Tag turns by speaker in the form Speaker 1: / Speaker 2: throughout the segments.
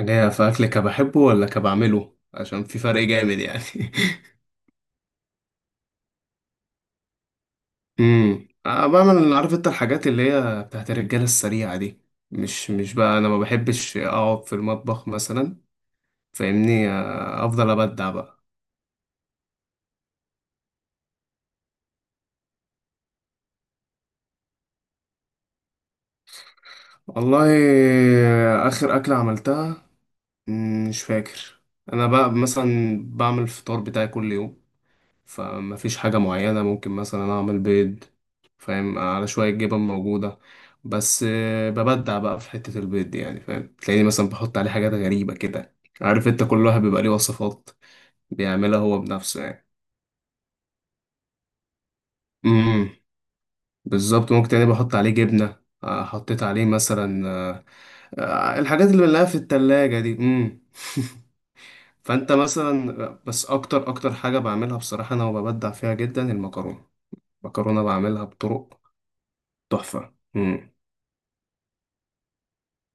Speaker 1: اللي هي في اكل كبحبه ولا كبعمله عشان في فرق جامد يعني. أنا بعمل. عارف انت الحاجات اللي هي بتاعت الرجاله السريعه دي؟ مش بقى انا ما بحبش اقعد في المطبخ مثلا. فاهمني؟ افضل ابدع بقى. والله، اخر اكله عملتها، مش فاكر. انا بقى مثلا بعمل الفطار بتاعي كل يوم، فما فيش حاجة معينة. ممكن مثلا أعمل بيض، فاهم؟ على شوية جبن موجودة. بس ببدع بقى في حتة البيض دي يعني، فاهم؟ تلاقيني مثلا بحط عليه حاجات غريبة كده. عارف انت؟ كل واحد بيبقى ليه وصفات بيعملها هو بنفسه يعني. امم بالظبط، ممكن تلاقيني بحط عليه جبنة، حطيت عليه مثلا، الحاجات اللي بنلاقيها في التلاجة دي. فانت مثلا، بس اكتر اكتر حاجة بعملها بصراحة انا وببدع فيها جدا، المكرونة. المكرونة بعملها بطرق تحفة.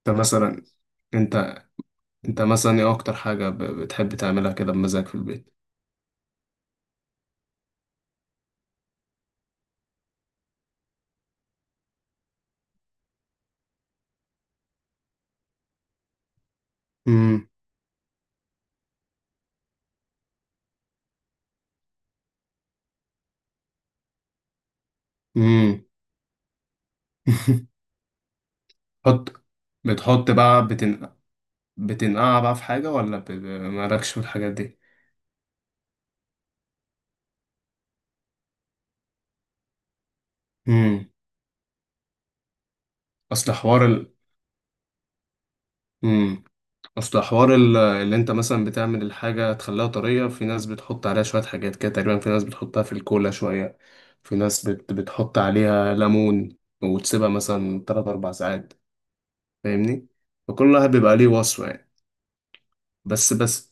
Speaker 1: انت مثلا، انت انت مثلا ايه اكتر حاجة بتحب تعملها كده بمزاج في البيت؟ امم امم. حط بتحط بقى بتنقع بقى في حاجة ولا مالكش في الحاجات دي؟ امم اصل حوار ال... امم اصل حوار ال... اللي انت مثلا بتعمل الحاجة تخليها طرية. في ناس بتحط عليها شوية حاجات كده تقريبا، في ناس بتحطها في الكولا شوية، في ناس بتحط عليها ليمون وتسيبها مثلا 3 4 ساعات، فاهمني؟ فكل واحد بيبقى ليه وصفة يعني. بس.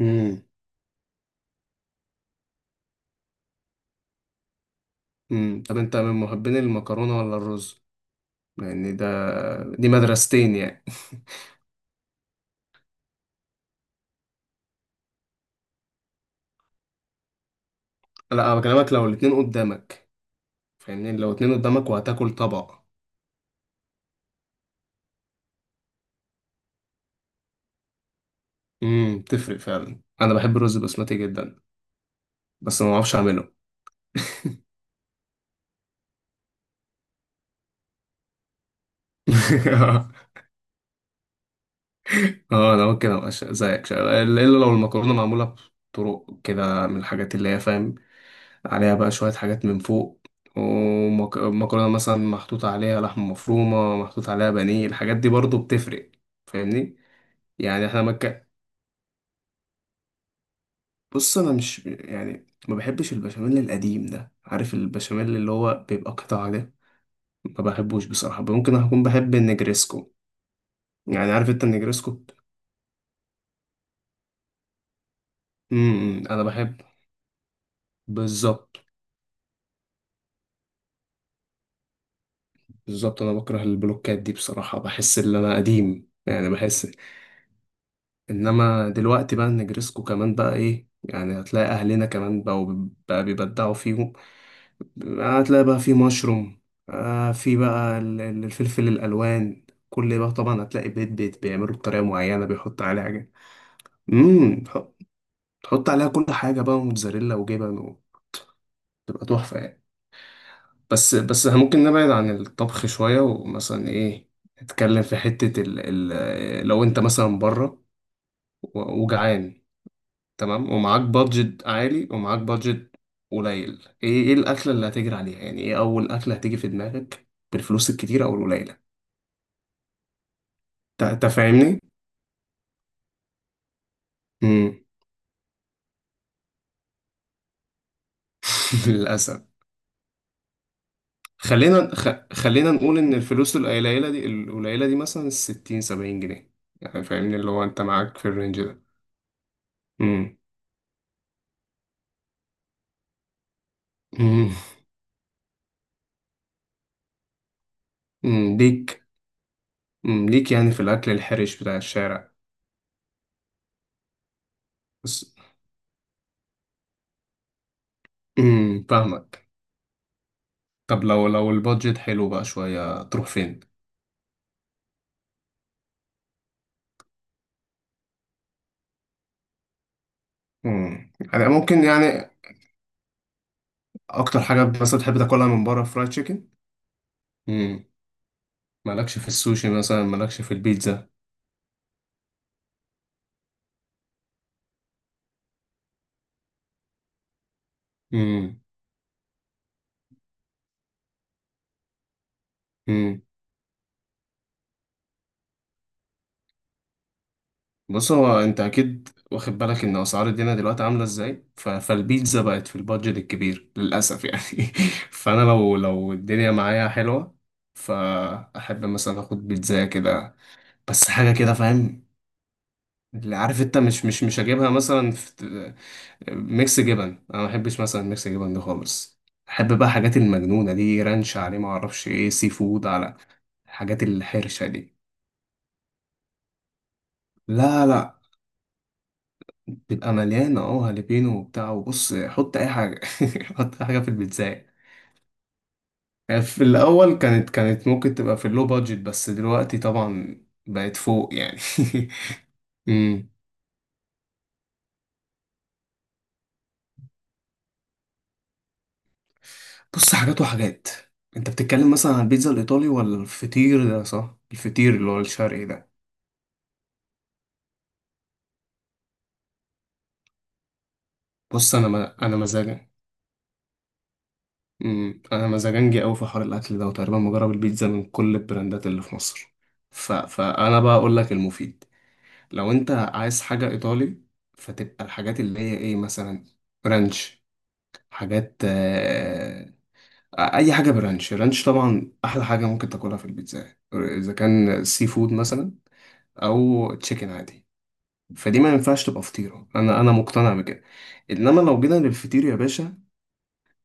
Speaker 1: امم امم. طب انت من محبين المكرونة ولا الرز؟ يعني ده، دي مدرستين يعني. لا انا بكلمك لو الاتنين قدامك، فاهمني؟ لو الاتنين قدامك وهتاكل طبق. تفرق فعلا، انا بحب الرز بسمتي جدا. بس ما بعرفش اعمله. اه انا ممكن ابقى زيك، الا لو المكرونة معمولة بطرق كده من الحاجات اللي هي، فاهم؟ عليها بقى شوية حاجات من فوق، ومكرونة مثلا محطوط عليها لحمة مفرومة، محطوط عليها بانيه. الحاجات دي برضو بتفرق، فاهمني؟ يعني احنا بص، انا مش يعني ما بحبش البشاميل القديم ده، عارف البشاميل اللي هو بيبقى قطع ده؟ ما بحبوش بصراحة. ممكن اكون بحب النجريسكو. يعني عارف انت النجريسكو؟ إمم، انا بحب. بالظبط بالظبط. انا بكره البلوكات دي بصراحة، بحس ان انا قديم يعني، بحس. انما دلوقتي بقى النجرسكو كمان بقى ايه يعني، هتلاقي اهلنا كمان بقوا بقى بيبدعوا فيهم. هتلاقي بقى في مشروم، في بقى الفلفل الالوان، كل بقى. طبعا هتلاقي بيت بيت بيعملوا بطريقه معينه، بيحط عليها حاجه. امم تحط عليها كل حاجه بقى، موتزاريلا وجبن، وتبقى تحفه يعني. بس ممكن نبعد عن الطبخ شويه ومثلا ايه، نتكلم في حته ال، ال لو انت مثلا بره وجعان، تمام، ومعاك بادجت عالي ومعاك بادجت قليل، ايه ايه الاكله اللي هتجري عليها يعني؟ ايه اول اكله هتيجي في دماغك بالفلوس الكتيره او القليله؟ تا- تا فاهمني. امم للاسف. خلينا خ... خلينا نقول ان الفلوس القليله دي، القليله دي، مثلا 60 70 جنيه، يعني فاهمني؟ اللي هو انت معاك في الرينج ده. امم امم. أمم، ليك. أمم، ليك يعني في الاكل الحرش بتاع الشارع. بس. فاهمك. طب لو لو البادجت حلو بقى شويه، تروح فين؟ انا ممكن يعني. اكتر حاجه مثلا تحب تاكلها من بره؟ فرايد تشيكن؟ مم. مالكش في السوشي مثلا، مالكش في البيتزا؟ مم. مم. بص، هو انت اكيد واخد بالك ان اسعار الدنيا دلوقتي عامله ازاي. ف... فالبيتزا بقت في البادجت الكبير للاسف يعني. فانا لو لو الدنيا معايا حلوه، فاحب مثلا اخد بيتزا كده بس، حاجه كده، فاهم؟ اللي عارف انت، مش هجيبها مثلا ميكس جبن. انا ما بحبش مثلا ميكس جبن ده خالص. احب بقى حاجات المجنونه دي، رانش عليه، ما اعرفش ايه، سي فود على الحاجات الحرشه دي. لا لا، بيبقى مليانه اه، هالبينو وبتاع، وبص حط اي حاجه، حط أي حاجه في البيتزا. يعني في الاول كانت كانت ممكن تبقى في اللو بادجت، بس دلوقتي طبعا بقت فوق يعني. أمم. بص، حاجات وحاجات. انت بتتكلم مثلا عن البيتزا الايطالي ولا الفطير ده؟ صح، الفطير اللي هو الشرقي ده. بص انا، ما انا مزاجي، انا مزاجنجي قوي في حوار الاكل ده، وتقريبا مجرب البيتزا من كل البراندات اللي في مصر. ف... فانا بقى اقول لك المفيد. لو انت عايز حاجه ايطالي، فتبقى الحاجات اللي هي ايه مثلا، رانش، حاجات، اي حاجه برانش رانش. طبعا احلى حاجه ممكن تاكلها في البيتزا اذا كان سي فود مثلا، او تشيكن عادي. فدي ما ينفعش تبقى فطيره، انا انا مقتنع بكده. انما لو جينا للفطير يا باشا،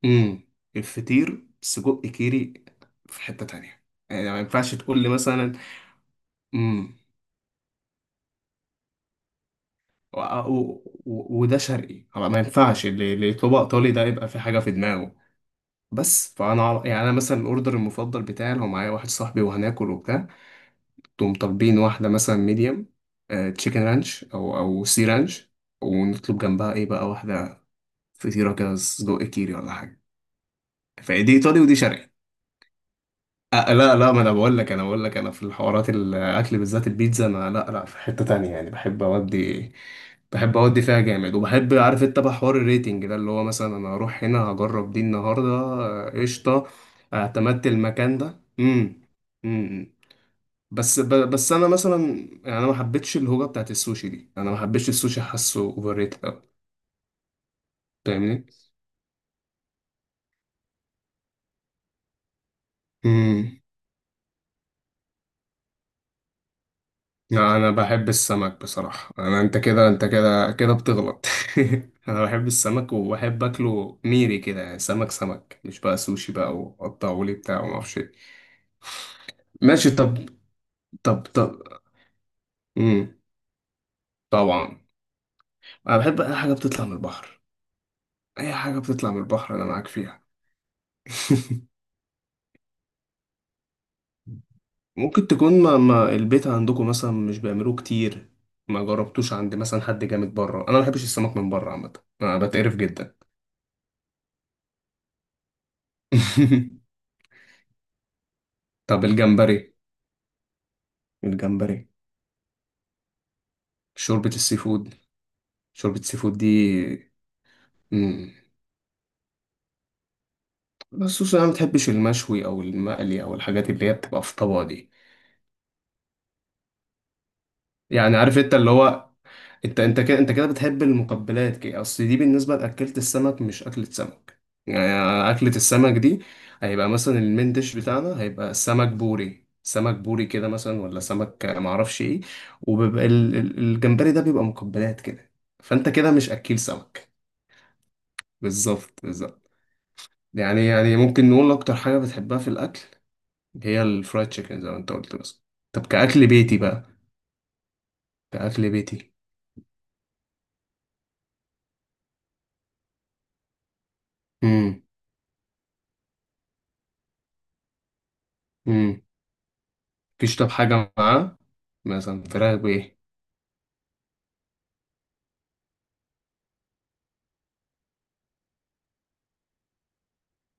Speaker 1: امم الفطير سجق كيري، في حتة تانية يعني. ما ينفعش تقول لي مثلا، امم وده شرقي، ما ينفعش اللي اللي يطلبه ايطالي ده يبقى في حاجة في دماغه. بس فانا يعني انا مثلا الاوردر المفضل بتاعي لو معايا واحد صاحبي وهناكل وبتاع، تقوم طالبين واحدة مثلا ميديم تشيكن رانش او سي رانش، ونطلب جنبها ايه بقى واحدة فطيرة كده سجق كيري ولا حاجة. فدي ايطالي ودي شرقي. أه لا لا، ما انا بقول لك، انا بقول لك انا في الحوارات الاكل بالذات البيتزا، انا لا لا في حتة تانية يعني. بحب اودي، بحب اودي فيها جامد. وبحب عارف انت بقى حوار الريتنج ده، اللي هو مثلا انا اروح هنا هجرب دي النهارده، قشطه، اعتمدت المكان ده. امم إمم. بس انا مثلا، يعني انا ما حبيتش الهوجه بتاعت السوشي دي. انا ما حبيتش السوشي، حاسه اوفر ريتد قوي، فاهمني؟ امم لا انا بحب السمك بصراحه. انا انت كده، انت كده كده بتغلط. انا بحب السمك وبحب اكله ميري كده يعني، سمك سمك، مش بقى سوشي بقى وقطعوا لي بتاع وما اعرفش إيه. ماشي، طب. طب طب. امم طبعا، انا بحب اي حاجه بتطلع من البحر. اي حاجه بتطلع من البحر انا معاك فيها. ممكن تكون، ما البيت عندكم مثلا مش بيعملوه كتير؟ ما جربتوش عند مثلا حد جامد بره؟ انا ما بحبش السمك من بره عامه، انا بتقرف جدا. طب الجمبري؟ الجمبري، شوربة السي فود. شوربة السي فود دي، مم. بس خصوصا انا ما بتحبش المشوي او المقلي او الحاجات اللي هي بتبقى في طبق دي. يعني عارف انت اللي هو، انت انت كده، انت كده بتحب المقبلات كده. اصل دي بالنسبة لأكلة السمك، مش أكلة سمك. يعني أكلة السمك دي، هيبقى مثلا المين ديش بتاعنا هيبقى سمك بوري، سمك بوري كده مثلا، ولا سمك معرفش ايه. وبيبقى الجمبري ده بيبقى مقبلات كده. فانت كده مش أكيل سمك. بالظبط بالظبط. يعني يعني ممكن نقول أكتر حاجة بتحبها في الأكل هي الفرايد تشيكن زي ما أنت قلت بس. طب كأكل بيتي بقى؟ كأكل بيتي. امم امم مفيش طب حاجة معاه، مثلا فراخ بإيه.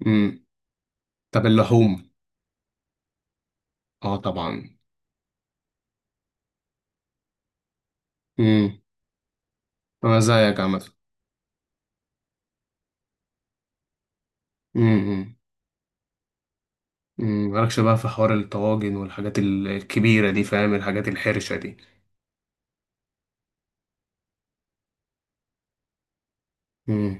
Speaker 1: امم طب اللحوم؟ اه طبعا. امم أنا زيك عامة. امم امم مالكش بقى في حوار الطواجن والحاجات الكبيرة دي، فاهم؟ الحاجات الحرشة دي.